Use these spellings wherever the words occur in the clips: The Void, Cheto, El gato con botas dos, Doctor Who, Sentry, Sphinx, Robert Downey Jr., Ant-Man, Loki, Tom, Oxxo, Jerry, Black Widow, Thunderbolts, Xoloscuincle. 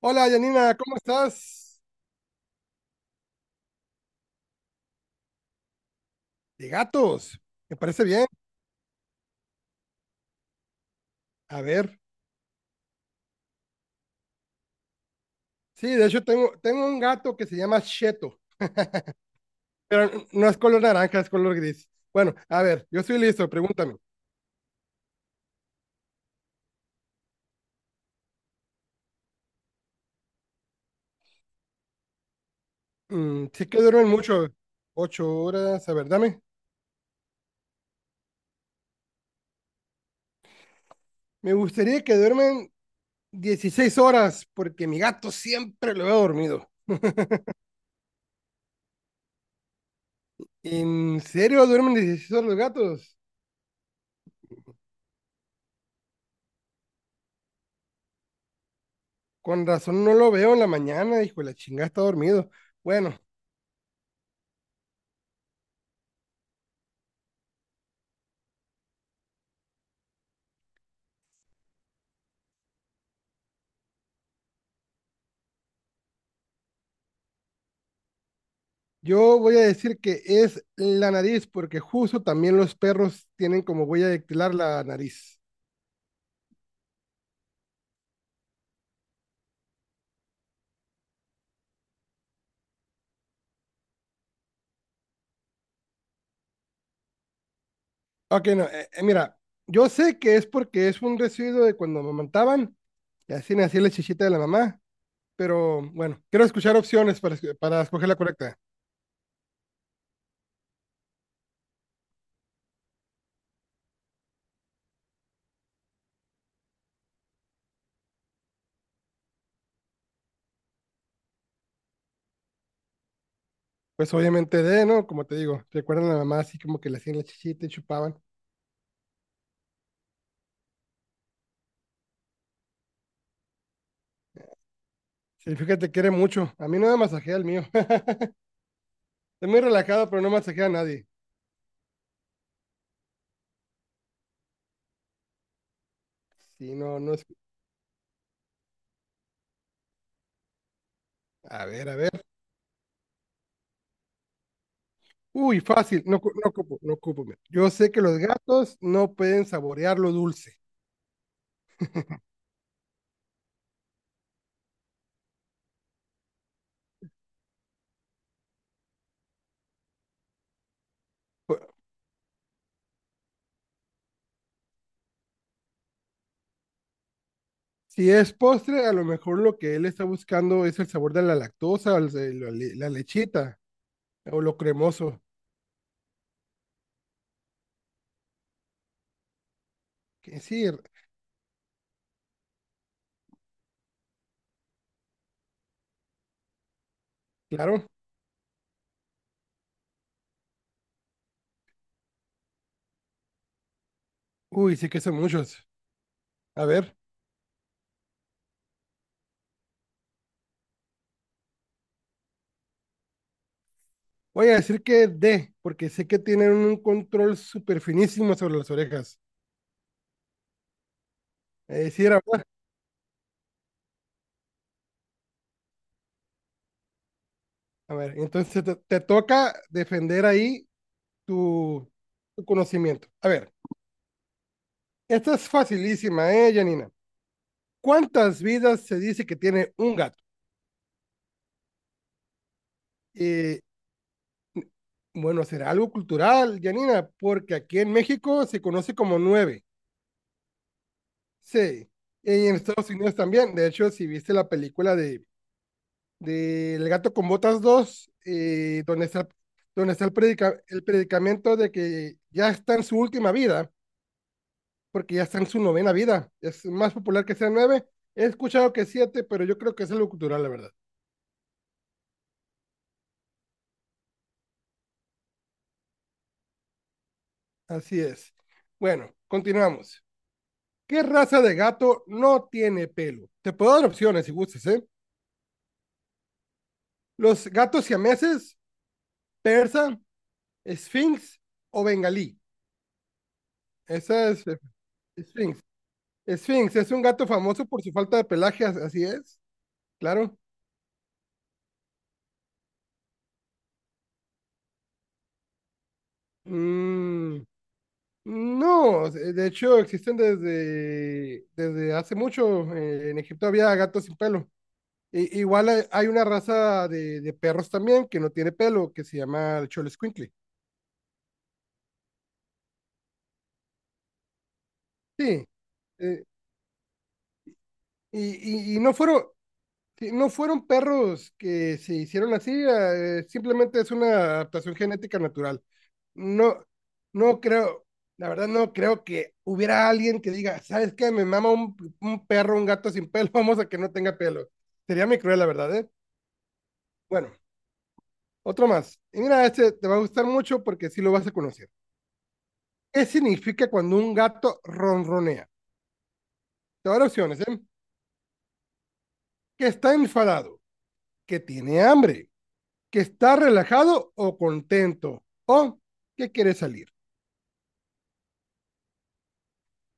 Hola Yanina, ¿cómo estás? De gatos, me parece bien. A ver, sí, de hecho tengo un gato que se llama Cheto, pero no es color naranja, es color gris. Bueno, a ver, yo estoy listo, pregúntame. Mm, sí que duermen mucho, 8 horas, a ver, dame. Me gustaría que duermen 16 horas, porque mi gato siempre lo veo dormido. ¿En serio duermen 16 horas los gatos? Con razón no lo veo en la mañana, hijo, de la chingada está dormido. Bueno, yo voy a decir que es la nariz, porque justo también los perros tienen como huella dactilar la nariz. Ok, no, mira, yo sé que es porque es un residuo de cuando amamantaban, y así nacía la chichita de la mamá, pero bueno, quiero escuchar opciones para, para escoger la correcta. Pues obviamente de, ¿no? Como te digo, recuerdan a la mamá así como que le hacían la chichita y chupaban. Sí, fíjate, quiere mucho. A mí no me masajea el mío. Es muy relajado, pero no masajea a nadie. Sí, no, no es. A ver, a ver. Uy, fácil, no, no ocupo, no ocupo. Mira. Yo sé que los gatos no pueden saborear lo dulce. Pu- Si es postre, a lo mejor lo que él está buscando es el sabor de la lactosa, la lechita o lo cremoso. Que sí, claro. Uy, sí que son muchos. A ver, voy a decir que D, porque sé que tienen un control súper finísimo sobre las orejas. Sí, era verdad. A ver, entonces te toca defender ahí tu, tu conocimiento. A ver. Esta es facilísima, ¿eh, Janina? ¿Cuántas vidas se dice que tiene un gato? Eh, bueno, será algo cultural, Janina, porque aquí en México se conoce como nueve. Sí. Y en Estados Unidos también. De hecho, si viste la película de El gato con botas dos, donde está el predicamento de que ya está en su última vida, porque ya está en su novena vida. Es más popular que sea nueve. He escuchado que siete, pero yo creo que es algo cultural, la verdad. Así es. Bueno, continuamos. ¿Qué raza de gato no tiene pelo? Te puedo dar opciones si gustas, ¿eh? Los gatos siameses, persa, sphinx o bengalí. Esa es sphinx. Sphinx es un gato famoso por su falta de pelaje, así es, claro. Mm, no, de hecho existen desde hace mucho. En Egipto había gatos sin pelo. Igual hay una raza de perros también que no tiene pelo, que se llama el Xoloscuincle. Sí, eh, y no fueron, sí, no fueron perros que se hicieron así, simplemente es una adaptación genética natural. No, no creo, la verdad no creo que hubiera alguien que diga, ¿sabes qué? Me mama un, perro, un gato sin pelo, vamos a que no tenga pelo. Sería muy cruel, la verdad, ¿eh? Bueno, otro más. Y mira, este te va a gustar mucho porque sí lo vas a conocer. ¿Qué significa cuando un gato ronronea? Te voy a dar opciones, ¿eh? Que está enfadado, que tiene hambre, que está relajado o contento o que quiere salir.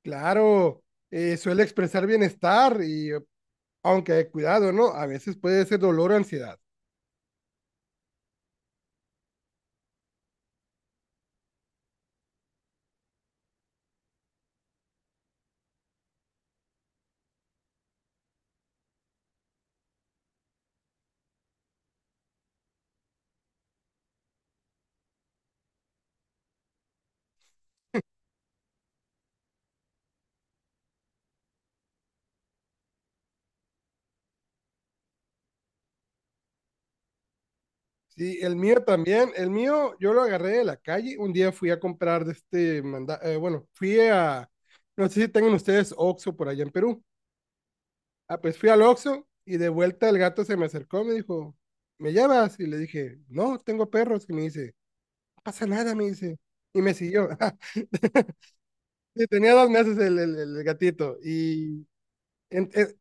Claro, suele expresar bienestar y aunque cuidado, ¿no? A veces puede ser dolor o ansiedad. Sí, el mío también, el mío yo lo agarré de la calle, un día fui a comprar de este, manda bueno, fui a, no sé si tengan ustedes Oxxo por allá en Perú, ah, pues fui al Oxxo y de vuelta el gato se me acercó, me dijo, ¿me llevas? Y le dije, no, tengo perros, y me dice, no pasa nada, me dice, y me siguió. Sí, tenía 2 meses el gatito. Y, en- en-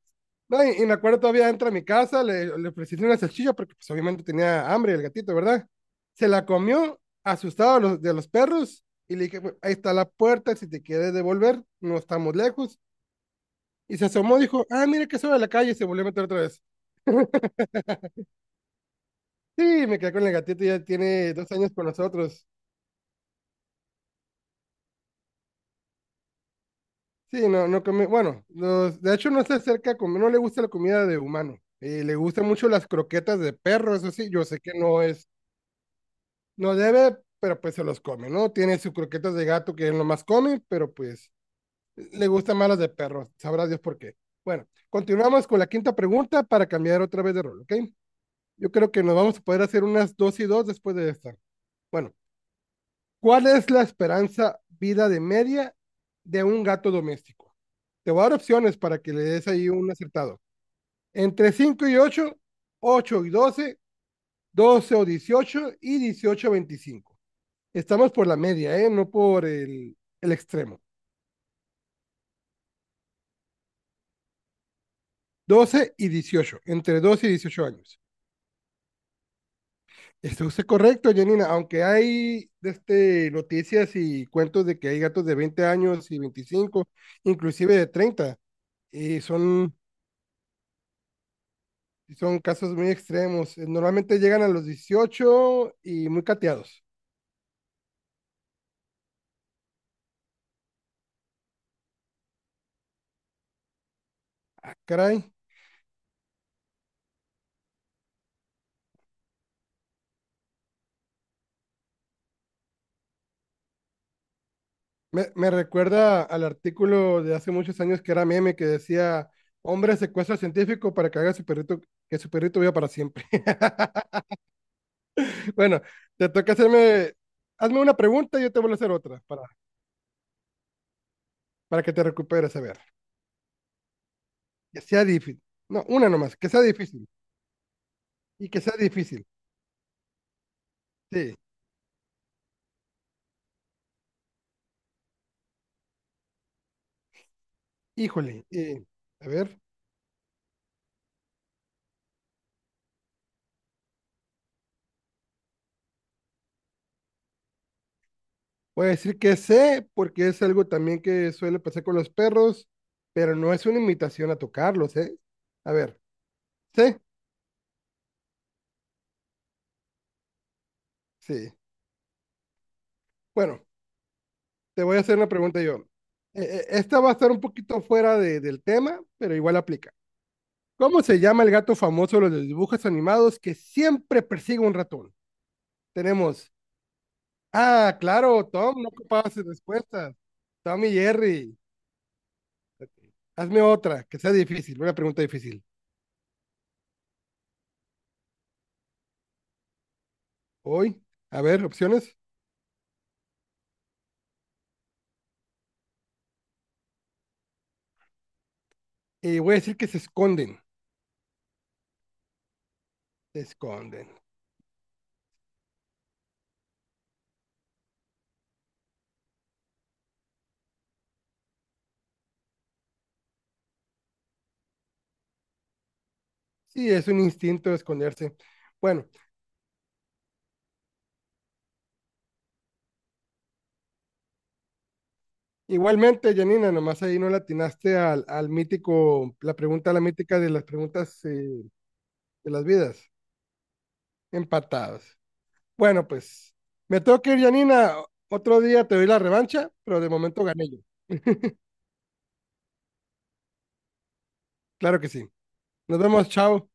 no, y me acuerdo todavía entra a mi casa, le ofrecí una salchicha porque pues, obviamente tenía hambre el gatito, ¿verdad? Se la comió, asustado de los perros, y le dije, "Bueno, ahí está la puerta, si te quieres devolver, no estamos lejos. Y se asomó, dijo, ah, mira que sube a la calle, y se volvió a meter otra vez. Sí, me quedé con el gatito, ya tiene 2 años con nosotros. Sí, no, no come, bueno, de hecho no se acerca a comer, no le gusta la comida de humano. Le gustan mucho las croquetas de perro, eso sí, yo sé que no es, no debe, pero pues se los come, ¿no? Tiene sus croquetas de gato que él nomás come, pero pues le gustan más las de perro, sabrá Dios por qué. Bueno, continuamos con la quinta pregunta para cambiar otra vez de rol, ¿ok? Yo creo que nos vamos a poder hacer unas dos y dos después de esta. Bueno, ¿cuál es la esperanza vida de media de un gato doméstico? Te voy a dar opciones para que le des ahí un acertado. Entre 5 y 8, 8 y 12, 12 o 18 y 18 a 25. Estamos por la media, ¿eh? No por el extremo. 12 y 18, entre 12 y 18 años. Esto es correcto, Janina, aunque hay este, noticias y cuentos de que hay gatos de 20 años y 25, inclusive de 30 y son. Sí, son casos muy extremos. Normalmente llegan a los 18 y muy cateados. Ah, caray. Me recuerda al artículo de hace muchos años que era meme que decía, hombre secuestra al científico para que haga su perrito, que su perrito viva para siempre. Bueno, te toca hacerme, hazme una pregunta y yo te voy a hacer otra para, que te recuperes. A ver, que sea difícil. No, una nomás, que sea difícil. Y que sea difícil. Sí, híjole. A ver. Voy a decir que sé, porque es algo también que suele pasar con los perros, pero no es una invitación a tocarlos, ¿eh? A ver, ¿sé? Sí. Bueno, te voy a hacer una pregunta yo. Esta va a estar un poquito fuera del tema, pero igual aplica. ¿Cómo se llama el gato famoso de los dibujos animados que siempre persigue un ratón? Tenemos, ah, claro, Tom, no ocupabas respuestas. Tom y Jerry, hazme otra, que sea difícil, una pregunta difícil. Hoy, a ver, opciones. Voy a decir que se esconden, se esconden. Sí, es un instinto de esconderse. Bueno, igualmente, Janina, nomás ahí no latinaste al mítico, la pregunta, la mítica de las preguntas de las vidas, empatados. Bueno, pues me tengo que ir, Janina. Otro día te doy la revancha, pero de momento gané yo. Claro que sí. Nos vemos, chao.